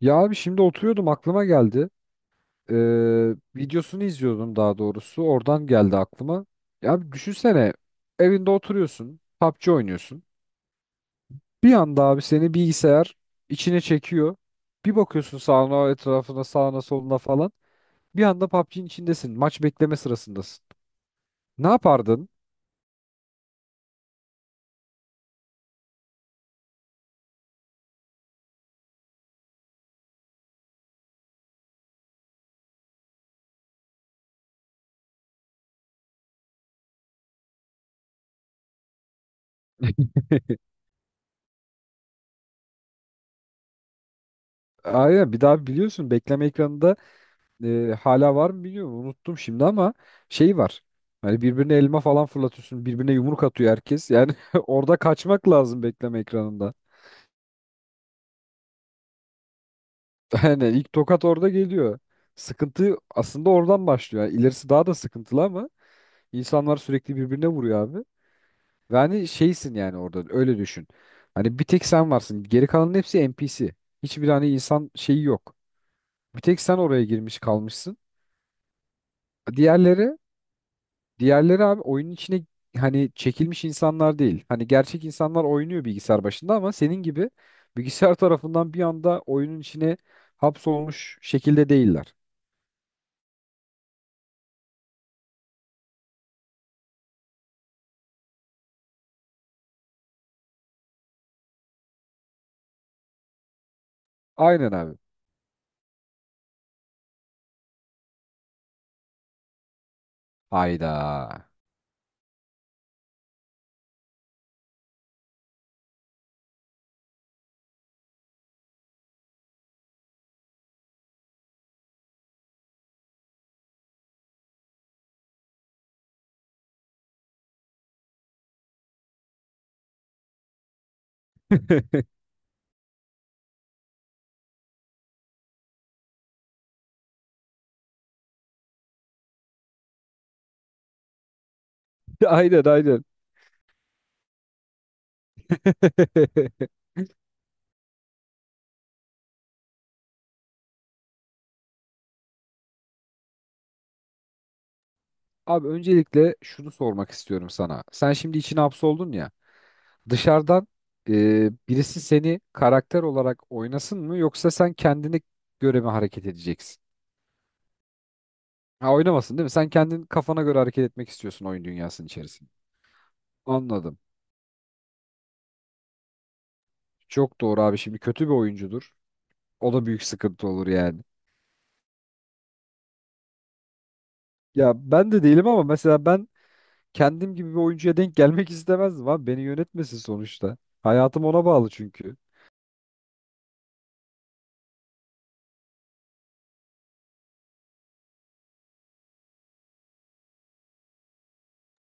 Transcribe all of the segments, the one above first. Ya abi şimdi oturuyordum aklıma geldi. Ee, Videosunu izliyordum daha doğrusu. Oradan geldi aklıma. Ya abi düşünsene evinde oturuyorsun. PUBG oynuyorsun. Bir anda abi seni bilgisayar içine çekiyor. Bir bakıyorsun sağına etrafına sağına soluna falan. Bir anda PUBG'nin içindesin. Maç bekleme sırasındasın. Ne yapardın? Aynen, bir daha biliyorsun bekleme ekranında hala var mı bilmiyorum unuttum şimdi ama şey var. Hani birbirine elma falan fırlatıyorsun, birbirine yumruk atıyor herkes. Yani orada kaçmak lazım bekleme ekranında. Yani ilk tokat orada geliyor. Sıkıntı aslında oradan başlıyor. Yani ilerisi daha da sıkıntılı ama insanlar sürekli birbirine vuruyor abi. Ve hani şeysin yani orada öyle düşün. Hani bir tek sen varsın. Geri kalanın hepsi NPC. Hiçbir hani insan şeyi yok. Bir tek sen oraya girmiş kalmışsın. Diğerleri Diğerleri abi oyunun içine hani çekilmiş insanlar değil. Hani gerçek insanlar oynuyor bilgisayar başında ama senin gibi bilgisayar tarafından bir anda oyunun içine hapsolmuş şekilde değiller. Aynen abi. Hayda. Aynen aynen. Abi öncelikle şunu sormak istiyorum sana. Sen şimdi içine hapsoldun ya. Dışarıdan birisi seni karakter olarak oynasın mı yoksa sen kendine göre mi hareket edeceksin? Ha, oynamasın değil mi? Sen kendin kafana göre hareket etmek istiyorsun oyun dünyasının içerisinde. Anladım. Çok doğru abi. Şimdi kötü bir oyuncudur. O da büyük sıkıntı olur yani. Ya ben de değilim ama mesela ben kendim gibi bir oyuncuya denk gelmek istemezdim abi. Beni yönetmesin sonuçta. Hayatım ona bağlı çünkü.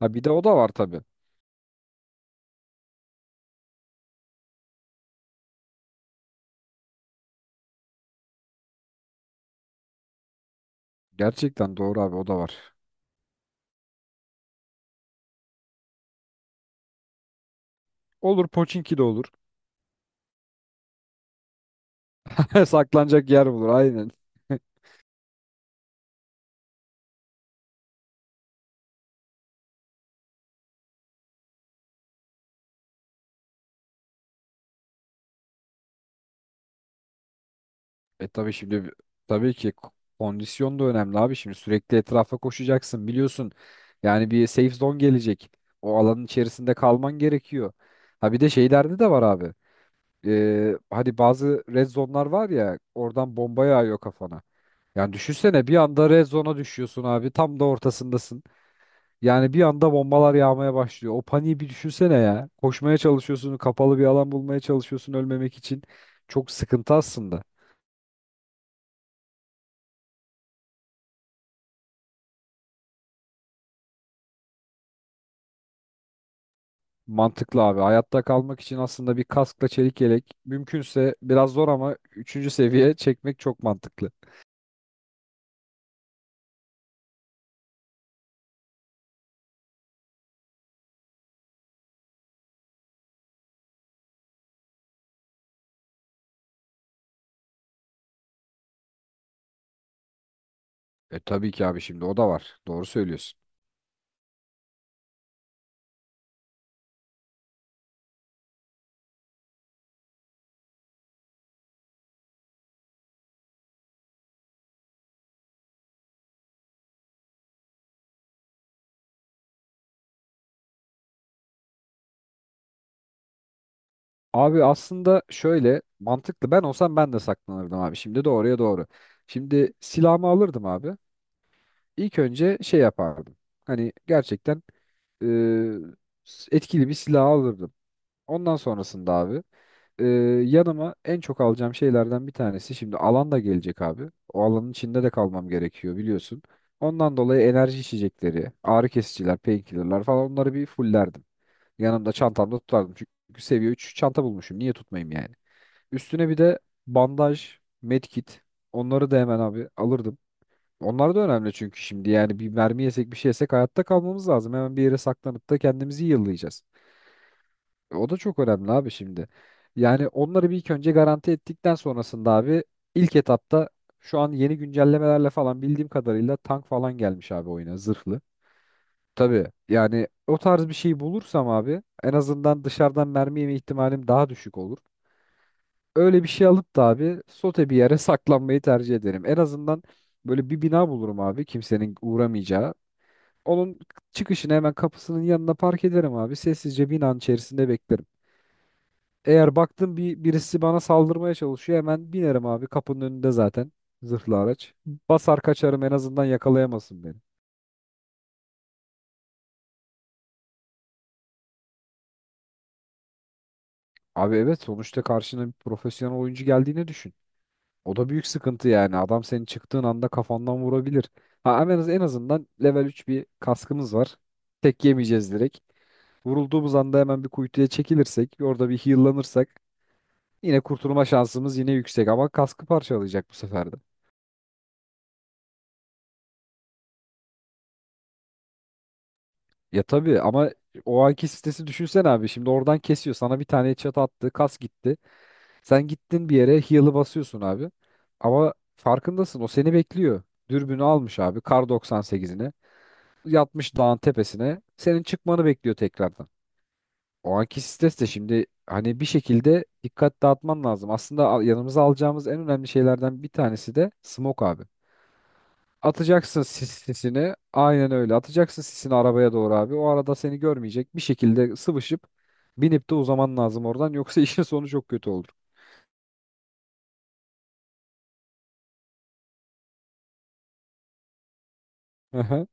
Ha bir de o da var tabii. Gerçekten doğru abi, o da var. Olur, Pochinki de olur. Saklanacak yer bulur aynen. E tabii şimdi tabii ki kondisyon da önemli abi. Şimdi sürekli etrafa koşacaksın biliyorsun. Yani bir safe zone gelecek. O alanın içerisinde kalman gerekiyor. Ha bir de şeylerde de var abi. Hani bazı red zone'lar var ya, oradan bomba yağıyor kafana. Yani düşünsene bir anda red zone'a düşüyorsun abi. Tam da ortasındasın. Yani bir anda bombalar yağmaya başlıyor. O paniği bir düşünsene ya. Koşmaya çalışıyorsun, kapalı bir alan bulmaya çalışıyorsun ölmemek için. Çok sıkıntı aslında. Mantıklı abi. Hayatta kalmak için aslında bir kaskla çelik yelek mümkünse, biraz zor ama üçüncü seviye çekmek çok mantıklı. E tabii ki abi, şimdi o da var. Doğru söylüyorsun. Abi, aslında şöyle mantıklı. Ben olsam ben de saklanırdım abi. Şimdi doğruya doğru. Şimdi silahımı alırdım abi. İlk önce şey yapardım. Hani gerçekten etkili bir silah alırdım. Ondan sonrasında abi, e, yanıma en çok alacağım şeylerden bir tanesi şimdi alan da gelecek abi. O alanın içinde de kalmam gerekiyor biliyorsun. Ondan dolayı enerji içecekleri, ağrı kesiciler, painkillerler falan onları bir fullerdim. Yanımda çantamda tutardım. Çünkü seviye 3 çanta bulmuşum. Niye tutmayayım yani? Üstüne bir de bandaj, medkit, onları da hemen abi alırdım. Onlar da önemli çünkü şimdi yani bir mermi yesek bir şey yesek hayatta kalmamız lazım. Hemen bir yere saklanıp da kendimizi yıllayacağız. O da çok önemli abi şimdi. Yani onları bir ilk önce garanti ettikten sonrasında abi ilk etapta şu an yeni güncellemelerle falan bildiğim kadarıyla tank falan gelmiş abi oyuna, zırhlı. Tabii yani o tarz bir şey bulursam abi, en azından dışarıdan mermi yeme ihtimalim daha düşük olur. Öyle bir şey alıp da abi sote bir yere saklanmayı tercih ederim. En azından böyle bir bina bulurum abi, kimsenin uğramayacağı. Onun çıkışını hemen kapısının yanına park ederim abi. Sessizce binanın içerisinde beklerim. Eğer baktım birisi bana saldırmaya çalışıyor hemen binerim abi, kapının önünde zaten zırhlı araç. Basar kaçarım, en azından yakalayamasın beni. Abi evet, sonuçta karşına bir profesyonel oyuncu geldiğini düşün. O da büyük sıkıntı yani, adam senin çıktığın anda kafandan vurabilir. Ha, en azından level 3 bir kaskımız var. Tek yemeyeceğiz direkt. Vurulduğumuz anda hemen bir kuytuya çekilirsek, orada bir heal'lanırsak yine kurtulma şansımız yine yüksek ama kaskı parçalayacak bu sefer de. Ya tabii ama o anki sitesi düşünsen abi. Şimdi oradan kesiyor. Sana bir tane çat attı. Kas gitti. Sen gittin bir yere heal'ı basıyorsun abi. Ama farkındasın, o seni bekliyor. Dürbünü almış abi, kar 98'ini. Yatmış dağın tepesine. Senin çıkmanı bekliyor tekrardan. O anki stres de şimdi hani bir şekilde dikkat dağıtman lazım. Aslında yanımıza alacağımız en önemli şeylerden bir tanesi de smoke abi. Atacaksın sis, sisini. Aynen öyle. Atacaksın sisini arabaya doğru abi. O arada seni görmeyecek. Bir şekilde sıvışıp binip de uzaman lazım oradan. Yoksa işin sonu çok kötü olur. Aha.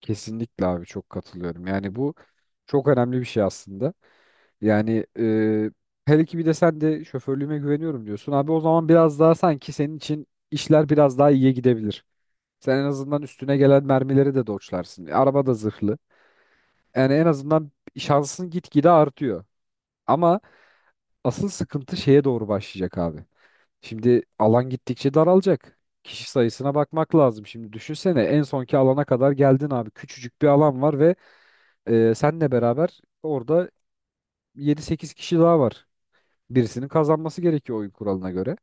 Kesinlikle abi, çok katılıyorum. Yani bu çok önemli bir şey aslında. Yani, hele ki bir de sen de şoförlüğüme güveniyorum diyorsun. Abi o zaman biraz daha sanki senin için işler biraz daha iyiye gidebilir. Sen en azından üstüne gelen mermileri de dodge'larsın. Araba da zırhlı. Yani en azından şansın gitgide artıyor. Ama asıl sıkıntı şeye doğru başlayacak abi. Şimdi alan gittikçe daralacak. Kişi sayısına bakmak lazım. Şimdi düşünsene en sonki alana kadar geldin abi. Küçücük bir alan var ve senle beraber orada yedi sekiz kişi daha var. Birisinin kazanması gerekiyor oyun kuralına göre.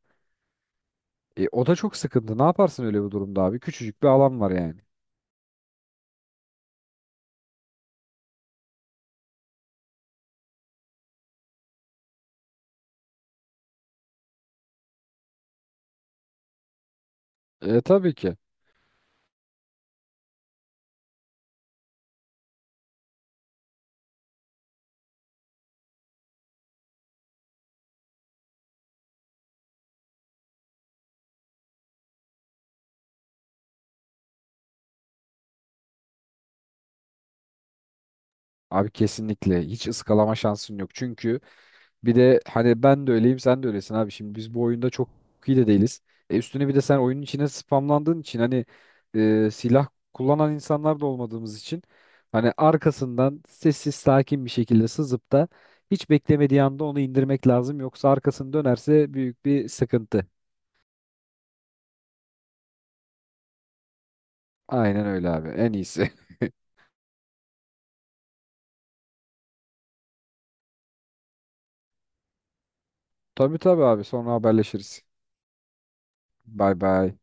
E, o da çok sıkıntı. Ne yaparsın öyle bir durumda abi? Küçücük bir alan var yani. E, tabii ki. Abi kesinlikle hiç ıskalama şansın yok. Çünkü bir de hani ben de öyleyim sen de öylesin abi. Şimdi biz bu oyunda çok iyi de değiliz. Üstüne bir de sen oyunun içine spamlandığın için, hani silah kullanan insanlar da olmadığımız için hani arkasından sessiz sakin bir şekilde sızıp da hiç beklemediği anda onu indirmek lazım. Yoksa arkasını dönerse büyük bir sıkıntı. Aynen öyle abi, en iyisi. Tabii tabii abi, sonra haberleşiriz. Bay bay.